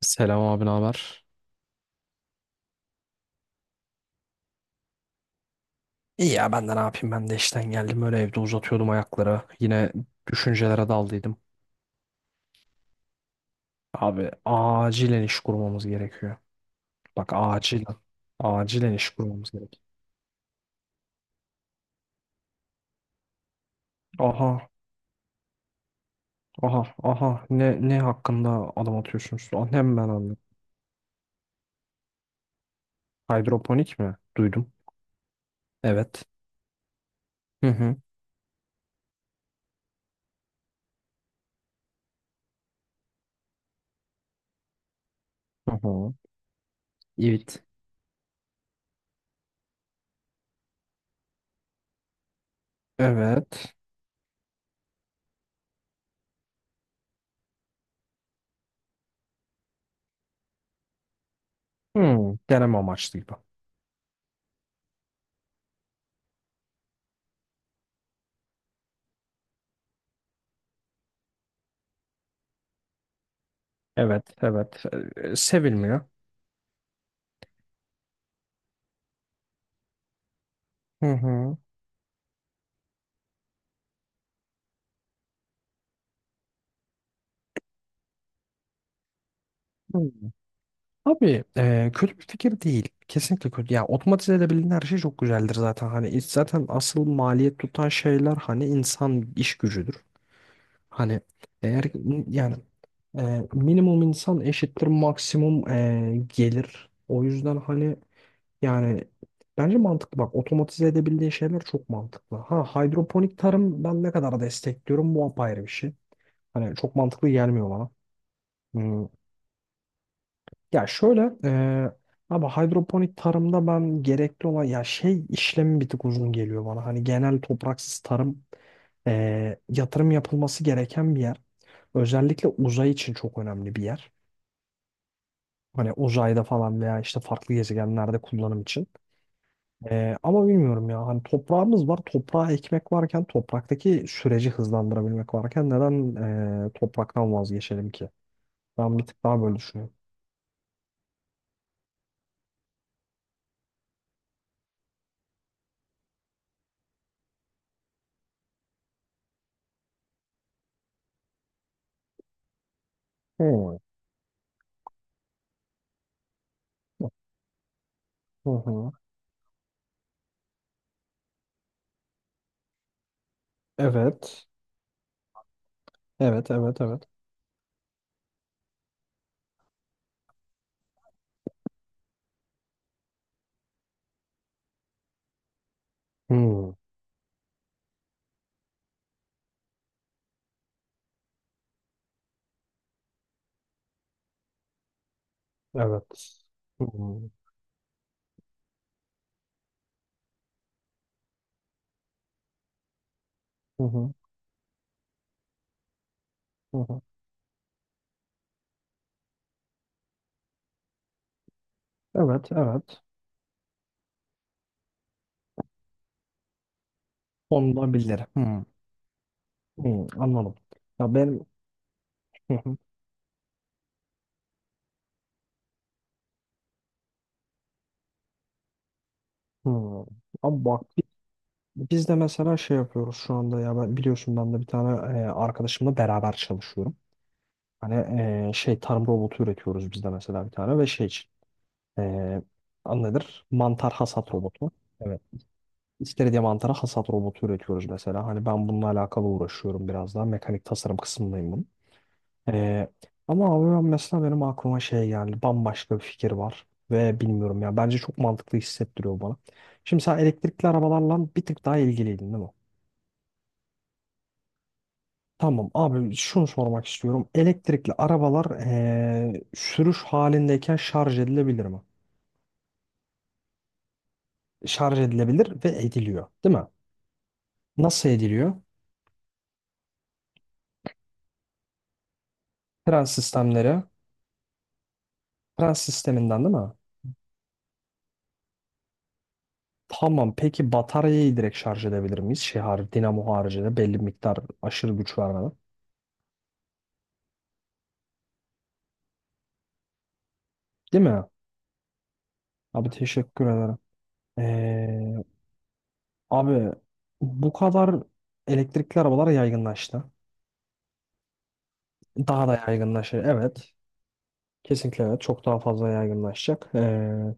Selam abi, ne haber? İyi ya ben de ne yapayım ben de işten geldim öyle evde uzatıyordum ayakları. Yine düşüncelere daldıydım. Abi acilen iş kurmamız gerekiyor. Bak acilen. Acilen iş kurmamız gerekiyor. Aha, aha, aha, ne hakkında adım atıyorsunuz? Aa, ben anladım. Hidroponik mi? Duydum. Evet. Hı hı. Hı hı. Evet. Evet. Hı, deneme amaçlı gibi. Evet evet. Sevilmiyor. Hı hı. Abi kötü bir fikir değil. Kesinlikle kötü. Ya otomatize edebildiğin her şey çok güzeldir zaten. Hani zaten asıl maliyet tutan şeyler hani insan iş gücüdür. Hani yani minimum insan eşittir maksimum gelir. O yüzden hani yani bence mantıklı. Bak otomatize edebildiğin şeyler çok mantıklı. Ha, hidroponik tarım ben ne kadar destekliyorum bu apayrı bir şey. Hani çok mantıklı gelmiyor bana. Ya şöyle abi hidroponik tarımda ben gerekli olan ya şey işlemi bir tık uzun geliyor bana. Hani genel topraksız tarım yatırım yapılması gereken bir yer. Özellikle uzay için çok önemli bir yer. Hani uzayda falan veya işte farklı gezegenlerde kullanım için. Ama bilmiyorum ya hani toprağımız var. Toprağa ekmek varken topraktaki süreci hızlandırabilmek varken neden topraktan vazgeçelim ki? Ben bir tık daha böyle düşünüyorum. Hmm. Hı hı. Evet. Evet, evet, evet. Hmm, evet. Hmm. Hı hı, hı hı. Evet, evet. Olabilir. Hmm, hmm, anladım. Ya benim. Hı hı, hmm. Abi bak biz de mesela şey yapıyoruz şu anda ya ben biliyorsun ben de bir tane arkadaşımla beraber çalışıyorum. Hani şey tarım robotu üretiyoruz biz de mesela bir tane ve şey için e, adı nedir? Mantar hasat robotu. Evet. İstediğim antara hasat robotu üretiyoruz mesela. Hani ben bununla alakalı uğraşıyorum biraz daha. Mekanik tasarım kısmındayım bunun. Ee, ama abi ben mesela benim aklıma şey geldi. Bambaşka bir fikir var. Ve bilmiyorum ya. Bence çok mantıklı hissettiriyor bana. Şimdi sen elektrikli arabalarla bir tık daha ilgiliydin değil mi? Tamam abi şunu sormak istiyorum. Elektrikli arabalar sürüş halindeyken şarj edilebilir mi? Şarj edilebilir ve ediliyor, değil mi? Nasıl ediliyor? Tren sistemleri. Tren sisteminden değil mi? Tamam peki bataryayı direkt şarj edebilir miyiz? Şey har dinamo haricinde belli bir miktar aşırı güç vermeden. Değil mi? Abi teşekkür ederim. Ee, abi bu kadar elektrikli arabalar yaygınlaştı. Daha da yaygınlaşır. Evet. Kesinlikle evet. Çok daha fazla yaygınlaşacak. Ee,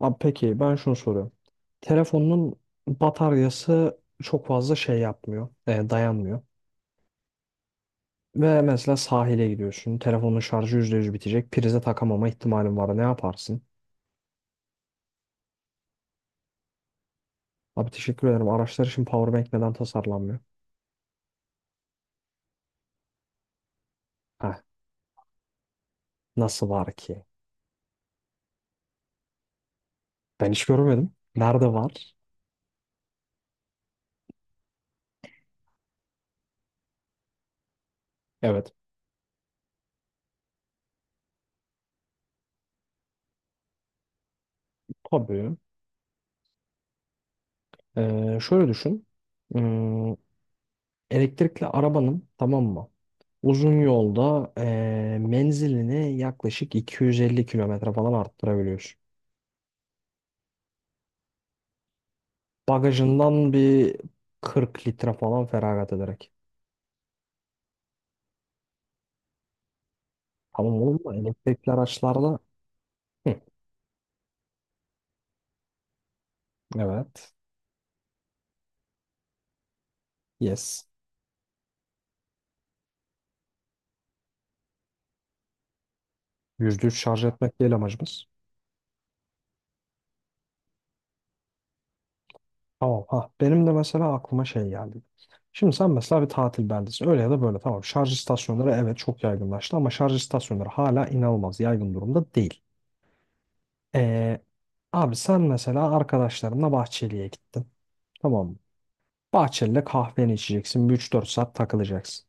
abi peki ben şunu soruyorum. Telefonun bataryası çok fazla şey yapmıyor. Dayanmıyor. Ve mesela sahile gidiyorsun. Telefonun şarjı %100 bitecek. Prize takamama ihtimalin var. Ne yaparsın? Abi teşekkür ederim. Araçlar için powerbank neden tasarlanmıyor? Heh, nasıl var ki? Ben hiç görmedim. Nerede var? Evet. Tabii. Şöyle düşün. Hmm, elektrikli arabanın tamam mı? Uzun yolda menzilini yaklaşık 250 kilometre falan arttırabiliyorsun. Bagajından bir 40 litre falan feragat ederek. Tamam oğlum da elektrikli araçlarda. Hı, evet. Yes. %3 şarj etmek değil amacımız. Tamam. Ha, benim de mesela aklıma şey geldi. Şimdi sen mesela bir tatil beldesin. Öyle ya da böyle tamam. Şarj istasyonları evet çok yaygınlaştı ama şarj istasyonları hala inanılmaz yaygın durumda değil. Ee, abi sen mesela arkadaşlarınla Bahçeli'ye gittin. Tamam mı? Bahçeli'de kahveni içeceksin. Bir üç dört saat takılacaksın.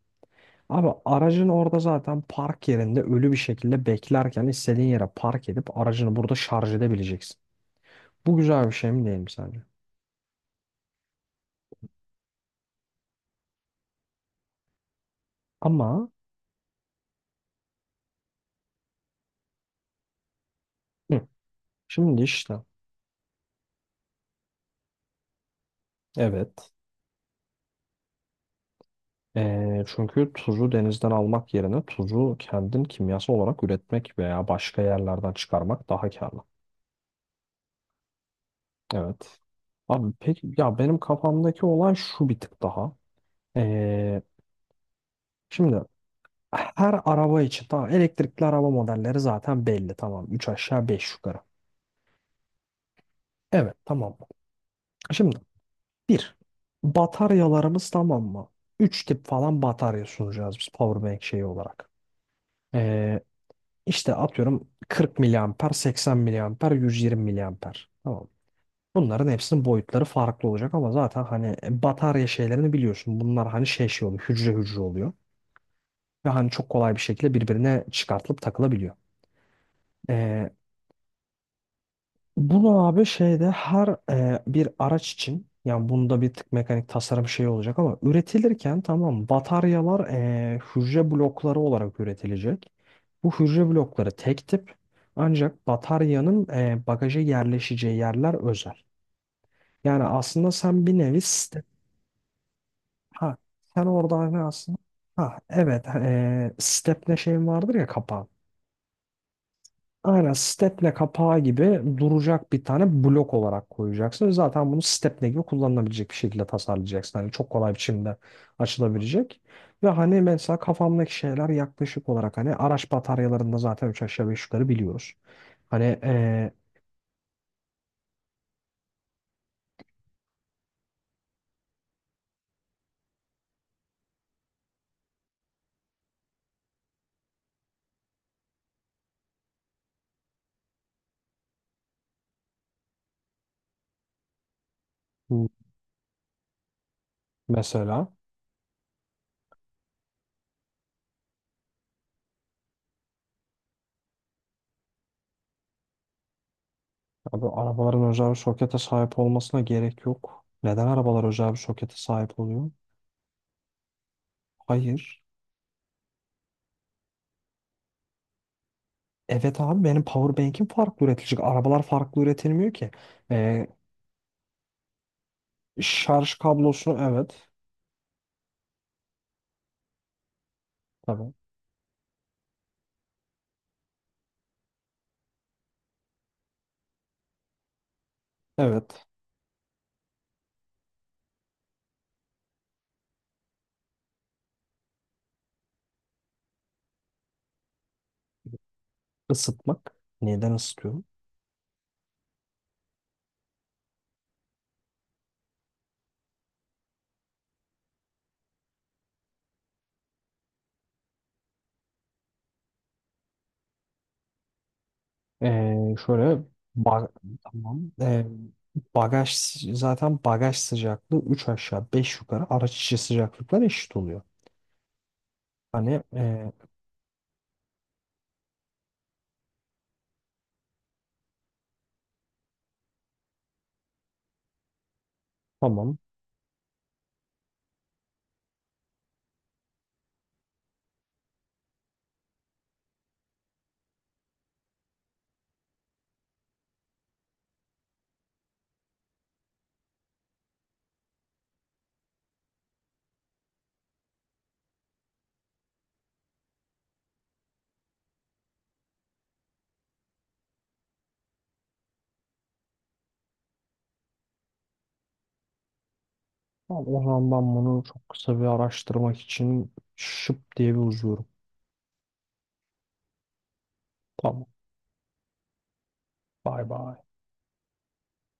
Abi aracın orada zaten park yerinde ölü bir şekilde beklerken istediğin yere park edip aracını burada şarj edebileceksin. Bu güzel bir şey mi değil mi sence? Ama hı, şimdi işte evet. Çünkü tuzu denizden almak yerine tuzu kendin kimyasal olarak üretmek veya başka yerlerden çıkarmak daha karlı. Evet. Abi peki ya benim kafamdaki olay şu bir tık daha. Ee, şimdi her araba için tamam elektrikli araba modelleri zaten belli tamam 3 aşağı 5 yukarı. Evet tamam. Şimdi bir bataryalarımız tamam mı? 3 tip falan batarya sunacağız biz powerbank şeyi olarak. Ee, İşte atıyorum 40 miliamper, 80 miliamper, 120 miliamper. Tamam. Bunların hepsinin boyutları farklı olacak ama zaten hani batarya şeylerini biliyorsun. Bunlar hani şey şey oluyor, hücre hücre oluyor. Ve hani çok kolay bir şekilde birbirine çıkartılıp takılabiliyor. Ee, Bunu abi şeyde her bir araç için yani bunda bir tık mekanik tasarım şeyi olacak ama üretilirken tamam bataryalar hücre blokları olarak üretilecek. Bu hücre blokları tek tip ancak bataryanın bagaja yerleşeceği yerler özel. Yani aslında sen bir nevi step ha sen orada hani aslında ha evet stepne şeyin vardır ya kapağı. Aynen stepne kapağı gibi duracak bir tane blok olarak koyacaksın. Zaten bunu stepne gibi kullanılabilecek bir şekilde tasarlayacaksın. Hani çok kolay biçimde açılabilecek. Ve hani mesela kafamdaki şeyler yaklaşık olarak hani araç bataryalarında zaten üç aşağı beş yukarı biliyoruz. Hani mesela abi arabaların özel bir sokete sahip olmasına gerek yok. Neden arabalar özel bir sokete sahip oluyor? Hayır. Evet abi benim powerbank'im farklı üretilecek. Arabalar farklı üretilmiyor ki. Şarj kablosunu evet. Tabii. Evet. Isıtmak. Neden ısıtıyorum? Şöyle ba- tamam. Bagaj zaten bagaj sıcaklığı 3 aşağı 5 yukarı araç içi sıcaklıklar eşit oluyor. Hani tamam. Tamam, o zaman ben bunu çok kısa bir araştırmak için şıp diye bir uzuyorum. Tamam. Bay bay.